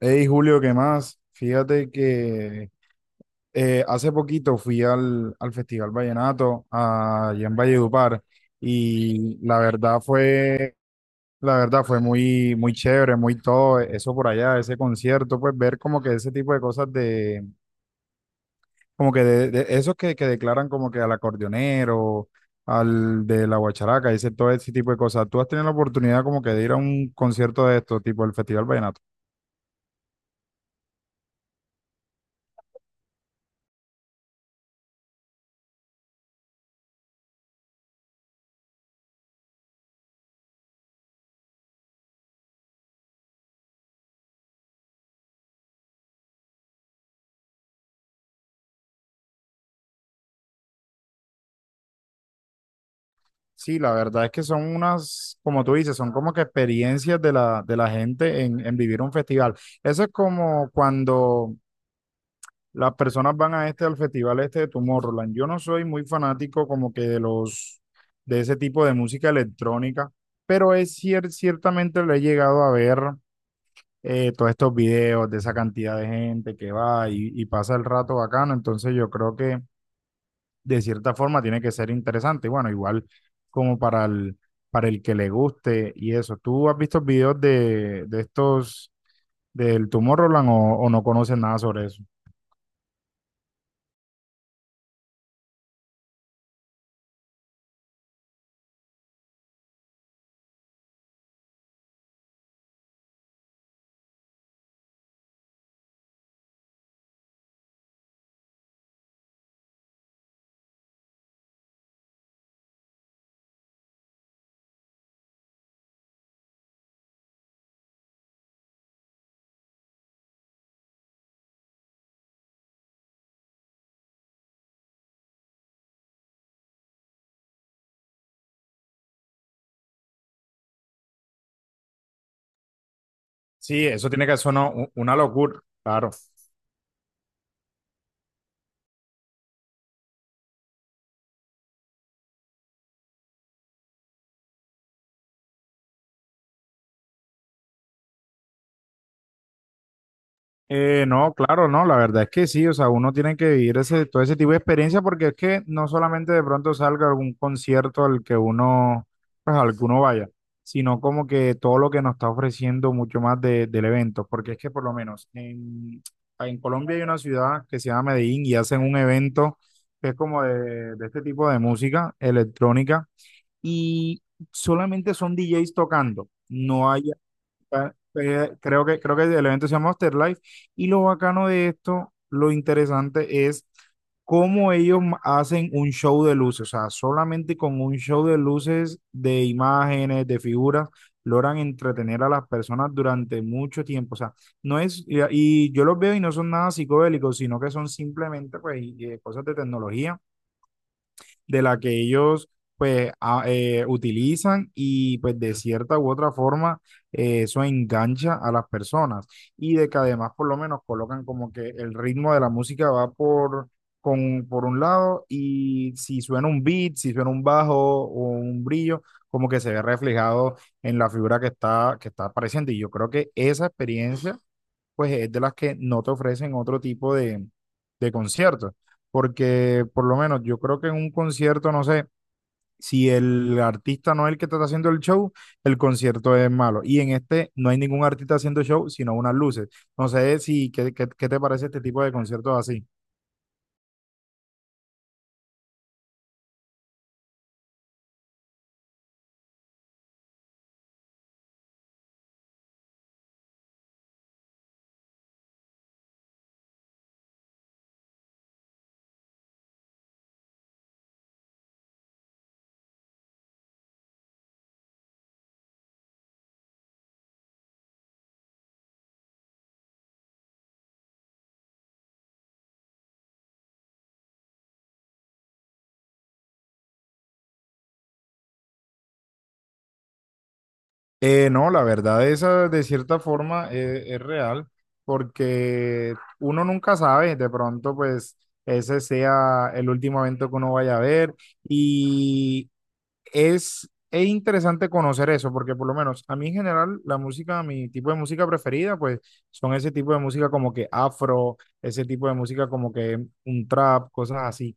Hey Julio, ¿qué más? Fíjate que hace poquito fui al Festival Vallenato allá en Valledupar y la verdad fue muy, muy chévere, muy todo eso por allá, ese concierto, pues ver como que ese tipo de cosas como que de esos que declaran como que al acordeonero, al de la guacharaca, ese, todo ese tipo de cosas. ¿Tú has tenido la oportunidad como que de ir a un concierto de esto, tipo el Festival Vallenato? Sí, la verdad es que son unas, como tú dices, son como que experiencias de la gente en vivir un festival. Eso es como cuando las personas van a este, al festival este de Tomorrowland. Yo no soy muy fanático como que de ese tipo de música electrónica, pero es ciertamente le he llegado a ver todos estos videos de esa cantidad de gente que va y pasa el rato bacano. Entonces yo creo que de cierta forma tiene que ser interesante. Y bueno, igual como para para el que le guste y eso. ¿Tú has visto videos de estos del Tomorrowland o no conoces nada sobre eso? Sí, eso tiene que ser una locura, claro. No, claro, no, la verdad es que sí, o sea, uno tiene que vivir ese, todo ese tipo de experiencia porque es que no solamente de pronto salga algún concierto al que uno, pues al que uno vaya, sino como que todo lo que nos está ofreciendo mucho más del evento, porque es que por lo menos en Colombia hay una ciudad que se llama Medellín y hacen un evento que es como de este tipo de música electrónica y solamente son DJs tocando, no hay creo que el evento se llama Afterlife y lo bacano de esto, lo interesante es cómo ellos hacen un show de luces, o sea, solamente con un show de luces, de imágenes, de figuras, logran entretener a las personas durante mucho tiempo, o sea, no y yo los veo y no son nada psicodélicos, sino que son simplemente pues cosas de tecnología de la que ellos pues utilizan y pues de cierta u otra forma eso engancha a las personas y de que además por lo menos colocan como que el ritmo de la música va por un lado y si suena un beat, si suena un bajo o un brillo, como que se ve reflejado en la figura que que está apareciendo y yo creo que esa experiencia pues es de las que no te ofrecen otro tipo de conciertos. Porque por lo menos yo creo que en un concierto, no sé, si el artista no es el que te está haciendo el show, el concierto es malo. Y en este no hay ningún artista haciendo show, sino unas luces. No sé si, ¿ qué te parece este tipo de conciertos así? No, la verdad, esa de cierta forma es real, porque uno nunca sabe, de pronto, pues ese sea el último evento que uno vaya a ver. Y es interesante conocer eso, porque por lo menos a mí en general la música, mi tipo de música preferida, pues son ese tipo de música como que afro, ese tipo de música como que un trap, cosas así.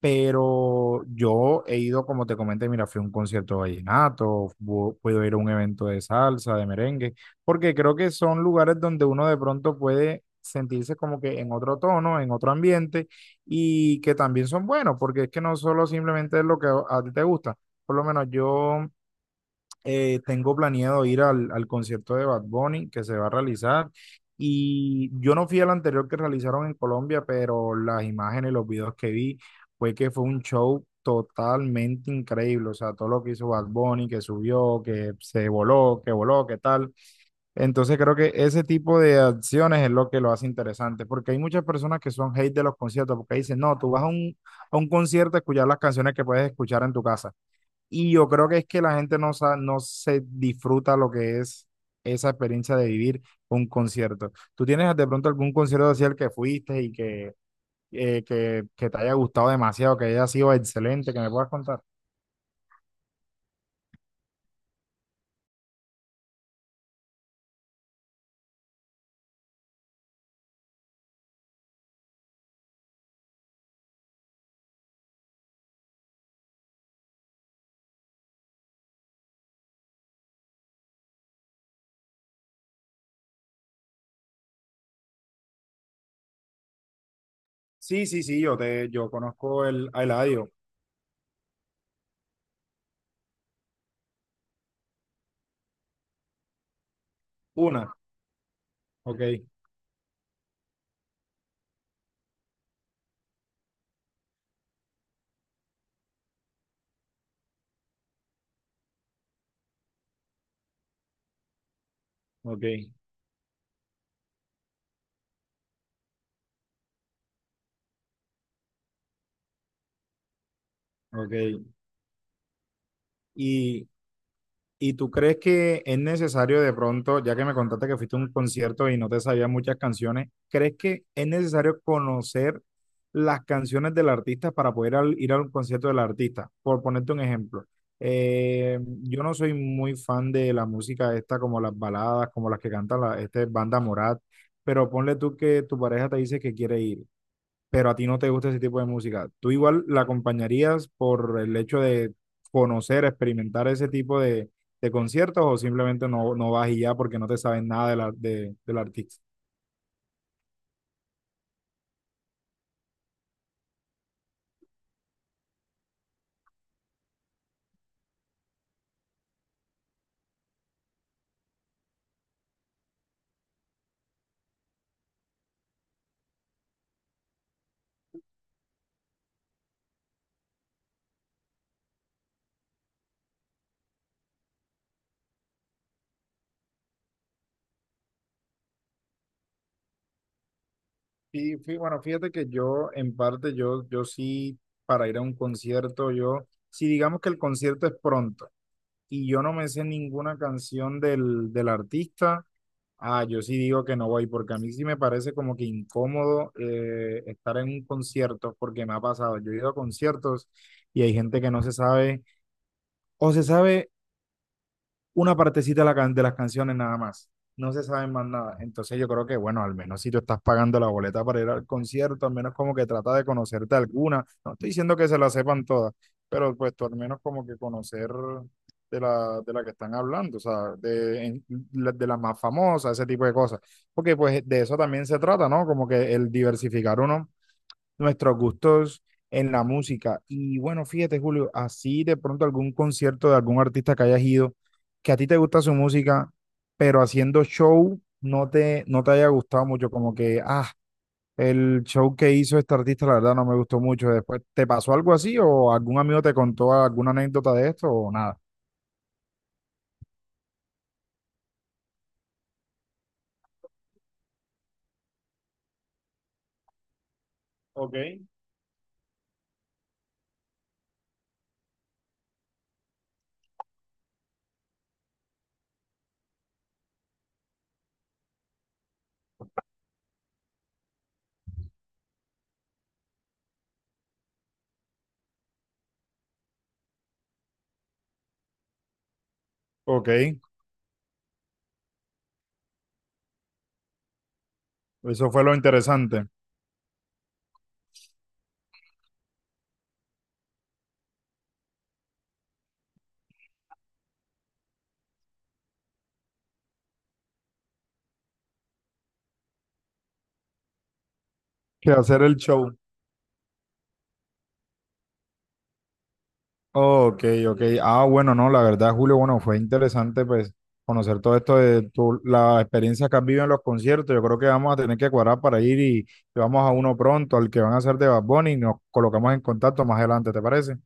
Pero yo he ido, como te comenté, mira, fui a un concierto de vallenato, puedo ir a un evento de salsa, de merengue, porque creo que son lugares donde uno de pronto puede sentirse como que en otro tono, en otro ambiente, y que también son buenos, porque es que no solo simplemente es lo que a ti te gusta. Por lo menos yo tengo planeado ir al concierto de Bad Bunny que se va a realizar. Y yo no fui al anterior que realizaron en Colombia, pero las imágenes, los videos que vi, fue que fue un show totalmente increíble. O sea, todo lo que hizo Bad Bunny, que subió, que se voló, que tal. Entonces creo que ese tipo de acciones es lo que lo hace interesante, porque hay muchas personas que son hate de los conciertos, porque dicen, no, tú vas a a un concierto a escuchar las canciones que puedes escuchar en tu casa. Y yo creo que es que la gente no, no se disfruta lo que es esa experiencia de vivir un concierto. ¿Tú tienes de pronto algún concierto así al que fuiste y que te haya gustado demasiado, que haya sido excelente, que me puedas contar? Sí, sí, sí, yo conozco el a Eladio. Una. Ok, ok, ok. Y, ¿y tú crees que es necesario de pronto, ya que me contaste que fuiste a un concierto y no te sabías muchas canciones, ¿crees que es necesario conocer las canciones del artista para poder ir a un concierto del artista? Por ponerte un ejemplo, yo no soy muy fan de la música esta, como las baladas, como las que canta la este, banda Morat, pero ponle tú que tu pareja te dice que quiere ir pero a ti no te gusta ese tipo de música, ¿tú igual la acompañarías por el hecho de conocer, experimentar ese tipo de conciertos o simplemente no, no vas y ya porque no te sabes nada de del artista? Y bueno, fíjate que yo, en parte, yo sí, para ir a un concierto, yo, si digamos que el concierto es pronto y yo no me sé ninguna canción del artista, ah, yo sí digo que no voy, porque a mí sí me parece como que incómodo estar en un concierto, porque me ha pasado. Yo he ido a conciertos y hay gente que no se sabe, o se sabe una partecita de, la de las canciones nada más. No se sabe más nada. Entonces yo creo que, bueno, al menos si tú estás pagando la boleta para ir al concierto, al menos como que trata de conocerte alguna. No estoy diciendo que se la sepan todas, pero pues tú al menos como que conocer de de la que están hablando, o sea, de la más famosa, ese tipo de cosas. Porque pues de eso también se trata, ¿no? Como que el diversificar uno nuestros gustos en la música. Y bueno, fíjate, Julio, así de pronto algún concierto de algún artista que hayas ido, que a ti te gusta su música, pero haciendo show no te haya gustado mucho, como que, ah, el show que hizo este artista, la verdad no me gustó mucho. Después, ¿te pasó algo así o algún amigo te contó alguna anécdota de esto o nada? Ok. Ok, eso fue lo interesante, que hacer el show. Ok, ok. Ah, bueno, no, la verdad, Julio, bueno, fue interesante pues conocer todo esto de tu, la experiencia que has vivido en los conciertos. Yo creo que vamos a tener que cuadrar para ir y vamos a uno pronto, al que van a hacer de Bad Bunny, y nos colocamos en contacto más adelante, ¿te parece?